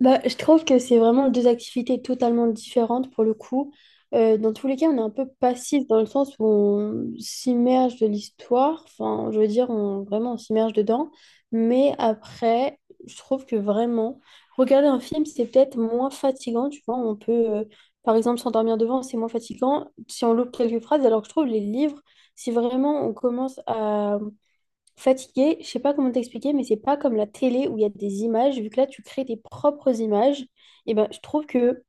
Bah, je trouve que c'est vraiment deux activités totalement différentes pour le coup. Dans tous les cas, on est un peu passif dans le sens où on s'immerge de l'histoire. Enfin, je veux dire, vraiment, on s'immerge dedans. Mais après, je trouve que vraiment, regarder un film, c'est peut-être moins fatigant. Tu vois, on peut, par exemple, s'endormir devant, c'est moins fatigant si on loupe quelques phrases. Alors que je trouve les livres, si vraiment on commence à fatigué, je sais pas comment t'expliquer, mais c'est pas comme la télé où il y a des images. Vu que là, tu crées tes propres images, et ben, je trouve que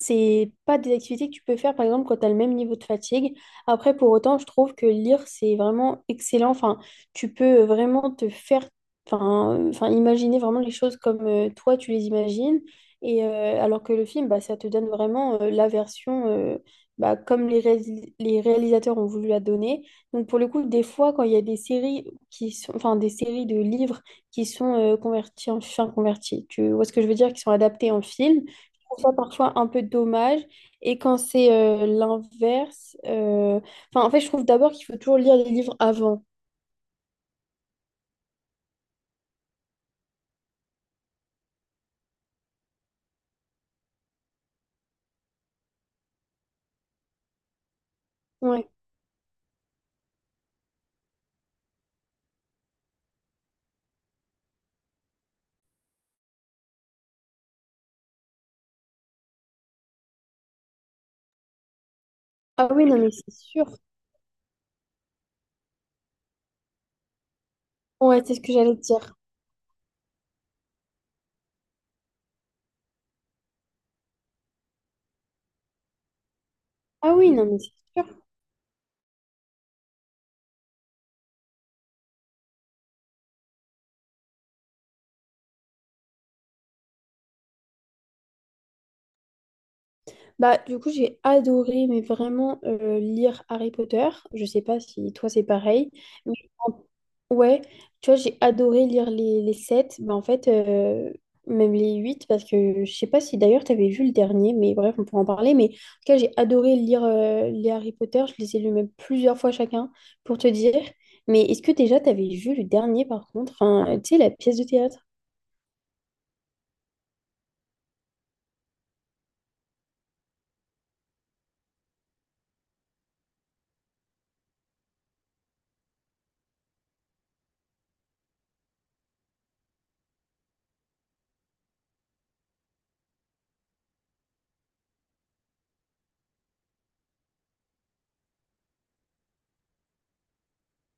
c'est pas des activités que tu peux faire, par exemple, quand tu as le même niveau de fatigue. Après, pour autant, je trouve que lire, c'est vraiment excellent. Enfin, tu peux vraiment te faire, enfin, enfin, imaginer vraiment les choses comme toi, tu les imagines. Et alors que le film, bah, ça te donne vraiment la version bah, comme les réalisateurs ont voulu la donner. Donc, pour le coup, des fois, quand il y a des séries qui sont, enfin, des séries de livres qui sont convertis en, enfin, convertis, tu vois ce que je veux dire, qui sont adaptés en film, trouve ça parfois un peu dommage. Et quand c'est l'inverse, enfin, en fait, je trouve d'abord qu'il faut toujours lire les livres avant. Ouais. Ah oui, non, mais c'est sûr. Ouais, c'est ce que j'allais te dire. Ah oui, non, mais c'est sûr. Bah, du coup, j'ai adoré, mais vraiment, lire Harry Potter. Je sais pas si toi, c'est pareil. Ouais, tu vois, j'ai adoré lire les 7, mais en fait, même les 8 parce que je sais pas si d'ailleurs tu avais vu le dernier, mais bref, on pourra en parler. Mais en tout cas, j'ai adoré lire les Harry Potter, je les ai lus même plusieurs fois chacun, pour te dire. Mais est-ce que déjà tu avais vu le dernier par contre, enfin, tu sais, la pièce de théâtre?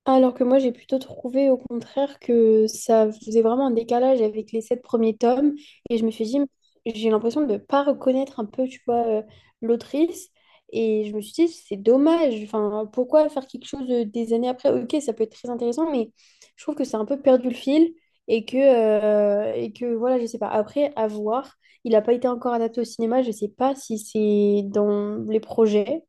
Alors que moi, j'ai plutôt trouvé au contraire que ça faisait vraiment un décalage avec les sept premiers tomes. Et je me suis dit, j'ai l'impression de ne pas reconnaître un peu, tu vois, l'autrice. Et je me suis dit, c'est dommage. Enfin, pourquoi faire quelque chose des années après? Ok, ça peut être très intéressant, mais je trouve que c'est un peu perdu le fil. Et que voilà, je sais pas. Après, à voir. Il n'a pas été encore adapté au cinéma. Je sais pas si c'est dans les projets.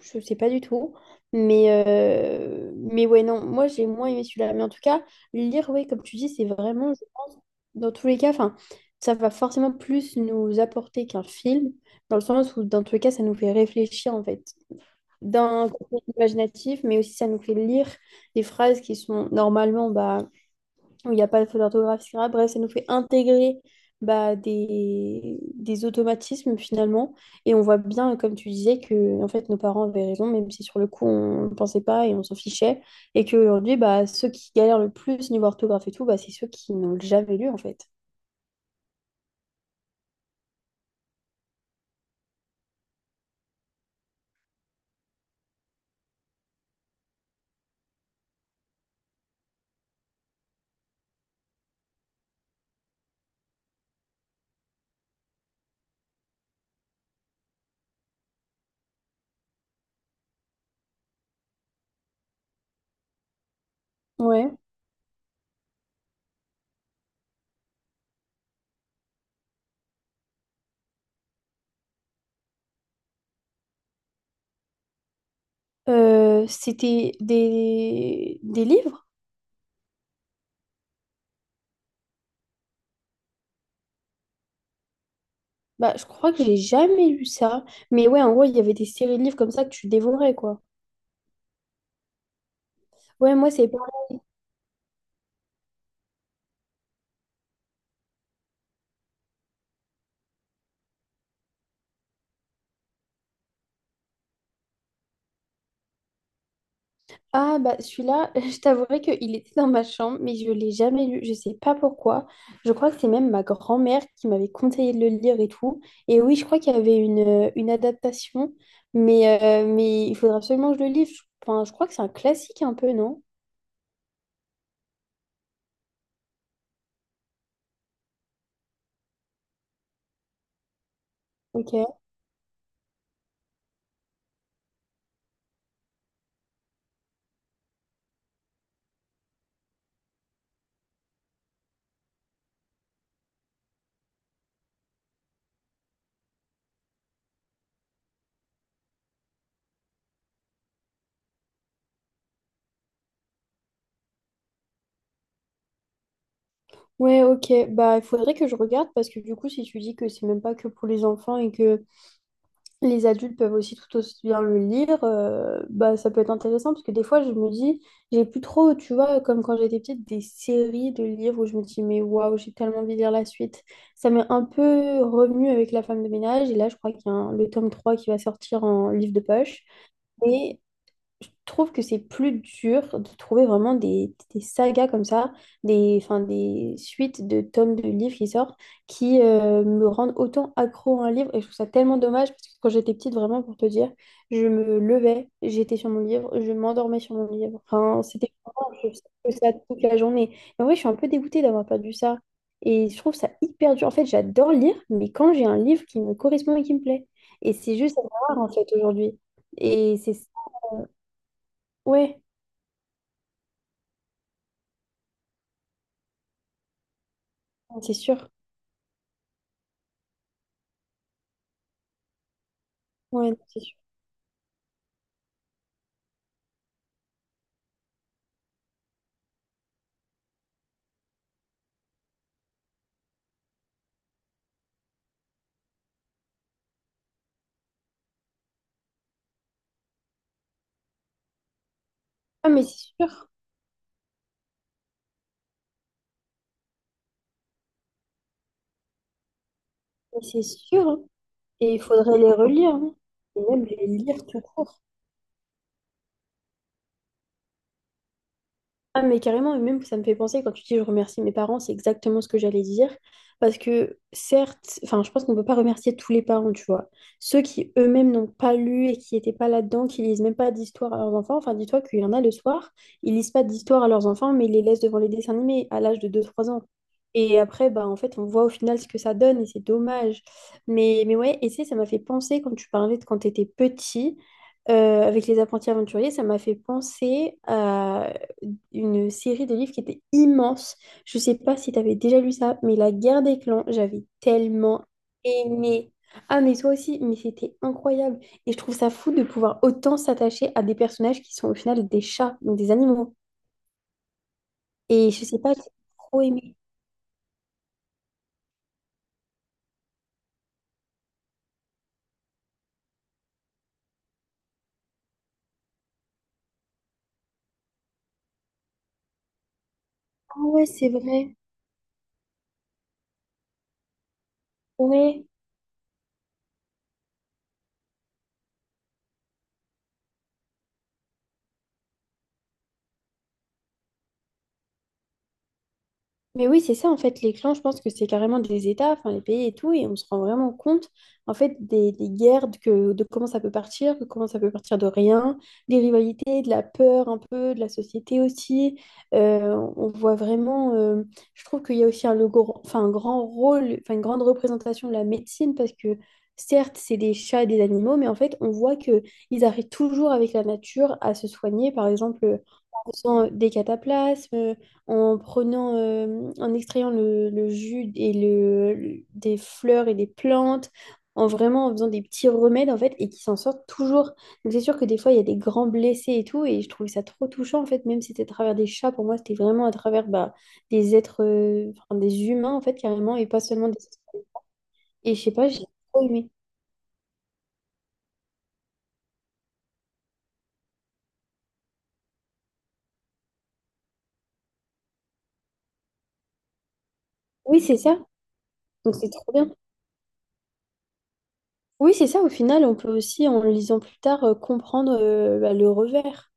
Je sais pas du tout. Mais ouais, non, moi j'ai moins aimé celui-là. Mais en tout cas, lire, ouais, comme tu dis, c'est vraiment, je pense, dans tous les cas, enfin, ça va forcément plus nous apporter qu'un film, dans le sens où, dans tous les cas, ça nous fait réfléchir, en fait, d'un côté imaginatif, mais aussi ça nous fait lire des phrases qui sont normalement bah, où il n'y a pas de faute d'orthographe, etc. Bref, ça nous fait intégrer bah, des automatismes finalement. Et on voit bien, comme tu disais, que en fait, nos parents avaient raison, même si sur le coup, on ne pensait pas et on s'en fichait. Et qu'aujourd'hui, bah, ceux qui galèrent le plus niveau orthographe et tout, bah, c'est ceux qui n'ont jamais lu en fait. Ouais. C'était des livres? Bah, je crois que j'ai jamais lu ça. Mais ouais, en gros, il y avait des séries de livres comme ça que tu dévorais, quoi. Ouais, moi, c'est. Ah bah celui-là, je t'avouerai qu'il était dans ma chambre, mais je l'ai jamais lu. Je sais pas pourquoi. Je crois que c'est même ma grand-mère qui m'avait conseillé de le lire et tout. Et oui, je crois qu'il y avait une adaptation, mais il faudra absolument que je le lise. Enfin, je crois que c'est un classique un peu, non? Ok. Ouais, ok. Bah il faudrait que je regarde parce que du coup, si tu dis que c'est même pas que pour les enfants et que les adultes peuvent aussi tout aussi bien le lire, bah, ça peut être intéressant parce que des fois je me dis, j'ai plus trop, tu vois, comme quand j'étais petite, des séries de livres où je me dis, mais waouh, j'ai tellement envie de lire la suite. Ça m'est un peu revenu avec La femme de ménage et là je crois qu'il y a le tome 3 qui va sortir en livre de poche. Mais je trouve que c'est plus dur de trouver vraiment des sagas comme ça, des, enfin, des suites de tomes de livres qui sortent, qui me rendent autant accro à un livre. Et je trouve ça tellement dommage parce que quand j'étais petite, vraiment, pour te dire, je me levais, j'étais sur mon livre, je m'endormais sur mon livre. Enfin, c'était vraiment, je faisais ça toute la journée. Et en vrai, je suis un peu dégoûtée d'avoir perdu ça. Et je trouve ça hyper dur. En fait, j'adore lire, mais quand j'ai un livre qui me correspond et qui me plaît. Et c'est juste rare, en fait, aujourd'hui. Et c'est... Ouais. C'est sûr. Ouais, c'est sûr. Ah, mais c'est sûr. Mais c'est sûr, hein. Et il faudrait les relire, hein. Et même les lire tout court. Ah, mais carrément, et même ça me fait penser quand tu dis je remercie mes parents, c'est exactement ce que j'allais dire. Parce que certes, enfin, je pense qu'on ne peut pas remercier tous les parents, tu vois. Ceux qui eux-mêmes n'ont pas lu et qui n'étaient pas là-dedans, qui lisent même pas d'histoire à leurs enfants. Enfin, dis-toi qu'il y en a le soir, ils lisent pas d'histoire à leurs enfants, mais ils les laissent devant les dessins animés à l'âge de deux trois ans. Et après, bah, en fait, on voit au final ce que ça donne et c'est dommage. Mais ouais, et tu sais, ça m'a fait penser quand tu parlais de quand tu étais petit avec les apprentis aventuriers, ça m'a fait penser à une série de livres qui était immense. Je sais pas si tu avais déjà lu ça, mais La guerre des clans, j'avais tellement aimé. Ah, mais toi aussi, mais c'était incroyable. Et je trouve ça fou de pouvoir autant s'attacher à des personnages qui sont au final des chats, donc des animaux. Et je sais pas, j'ai trop aimé. Ah ouais, c'est vrai. Ouais. Mais oui, c'est ça en fait, les clans, je pense que c'est carrément des États, enfin les pays et tout, et on se rend vraiment compte en fait des guerres, de comment ça peut partir, de comment ça peut partir de rien, des rivalités, de la peur un peu, de la société aussi. On voit vraiment, je trouve qu'il y a aussi enfin, un grand rôle, enfin une grande représentation de la médecine, parce que certes, c'est des chats et des animaux, mais en fait, on voit que ils arrivent toujours avec la nature à se soigner, par exemple, en faisant des cataplasmes en prenant, en extrayant le jus et des fleurs et des plantes, en vraiment en faisant des petits remèdes en fait, et qui s'en sortent toujours. Donc c'est sûr que des fois il y a des grands blessés et tout, et je trouvais ça trop touchant en fait, même si c'était à travers des chats, pour moi c'était vraiment à travers bah, des êtres, enfin, des humains en fait carrément, et pas seulement des... Et je sais pas, j'ai trop aimé. Oui, c'est ça. Donc c'est trop bien. Oui, c'est ça. Au final, on peut aussi, en lisant plus tard, comprendre bah, le revers.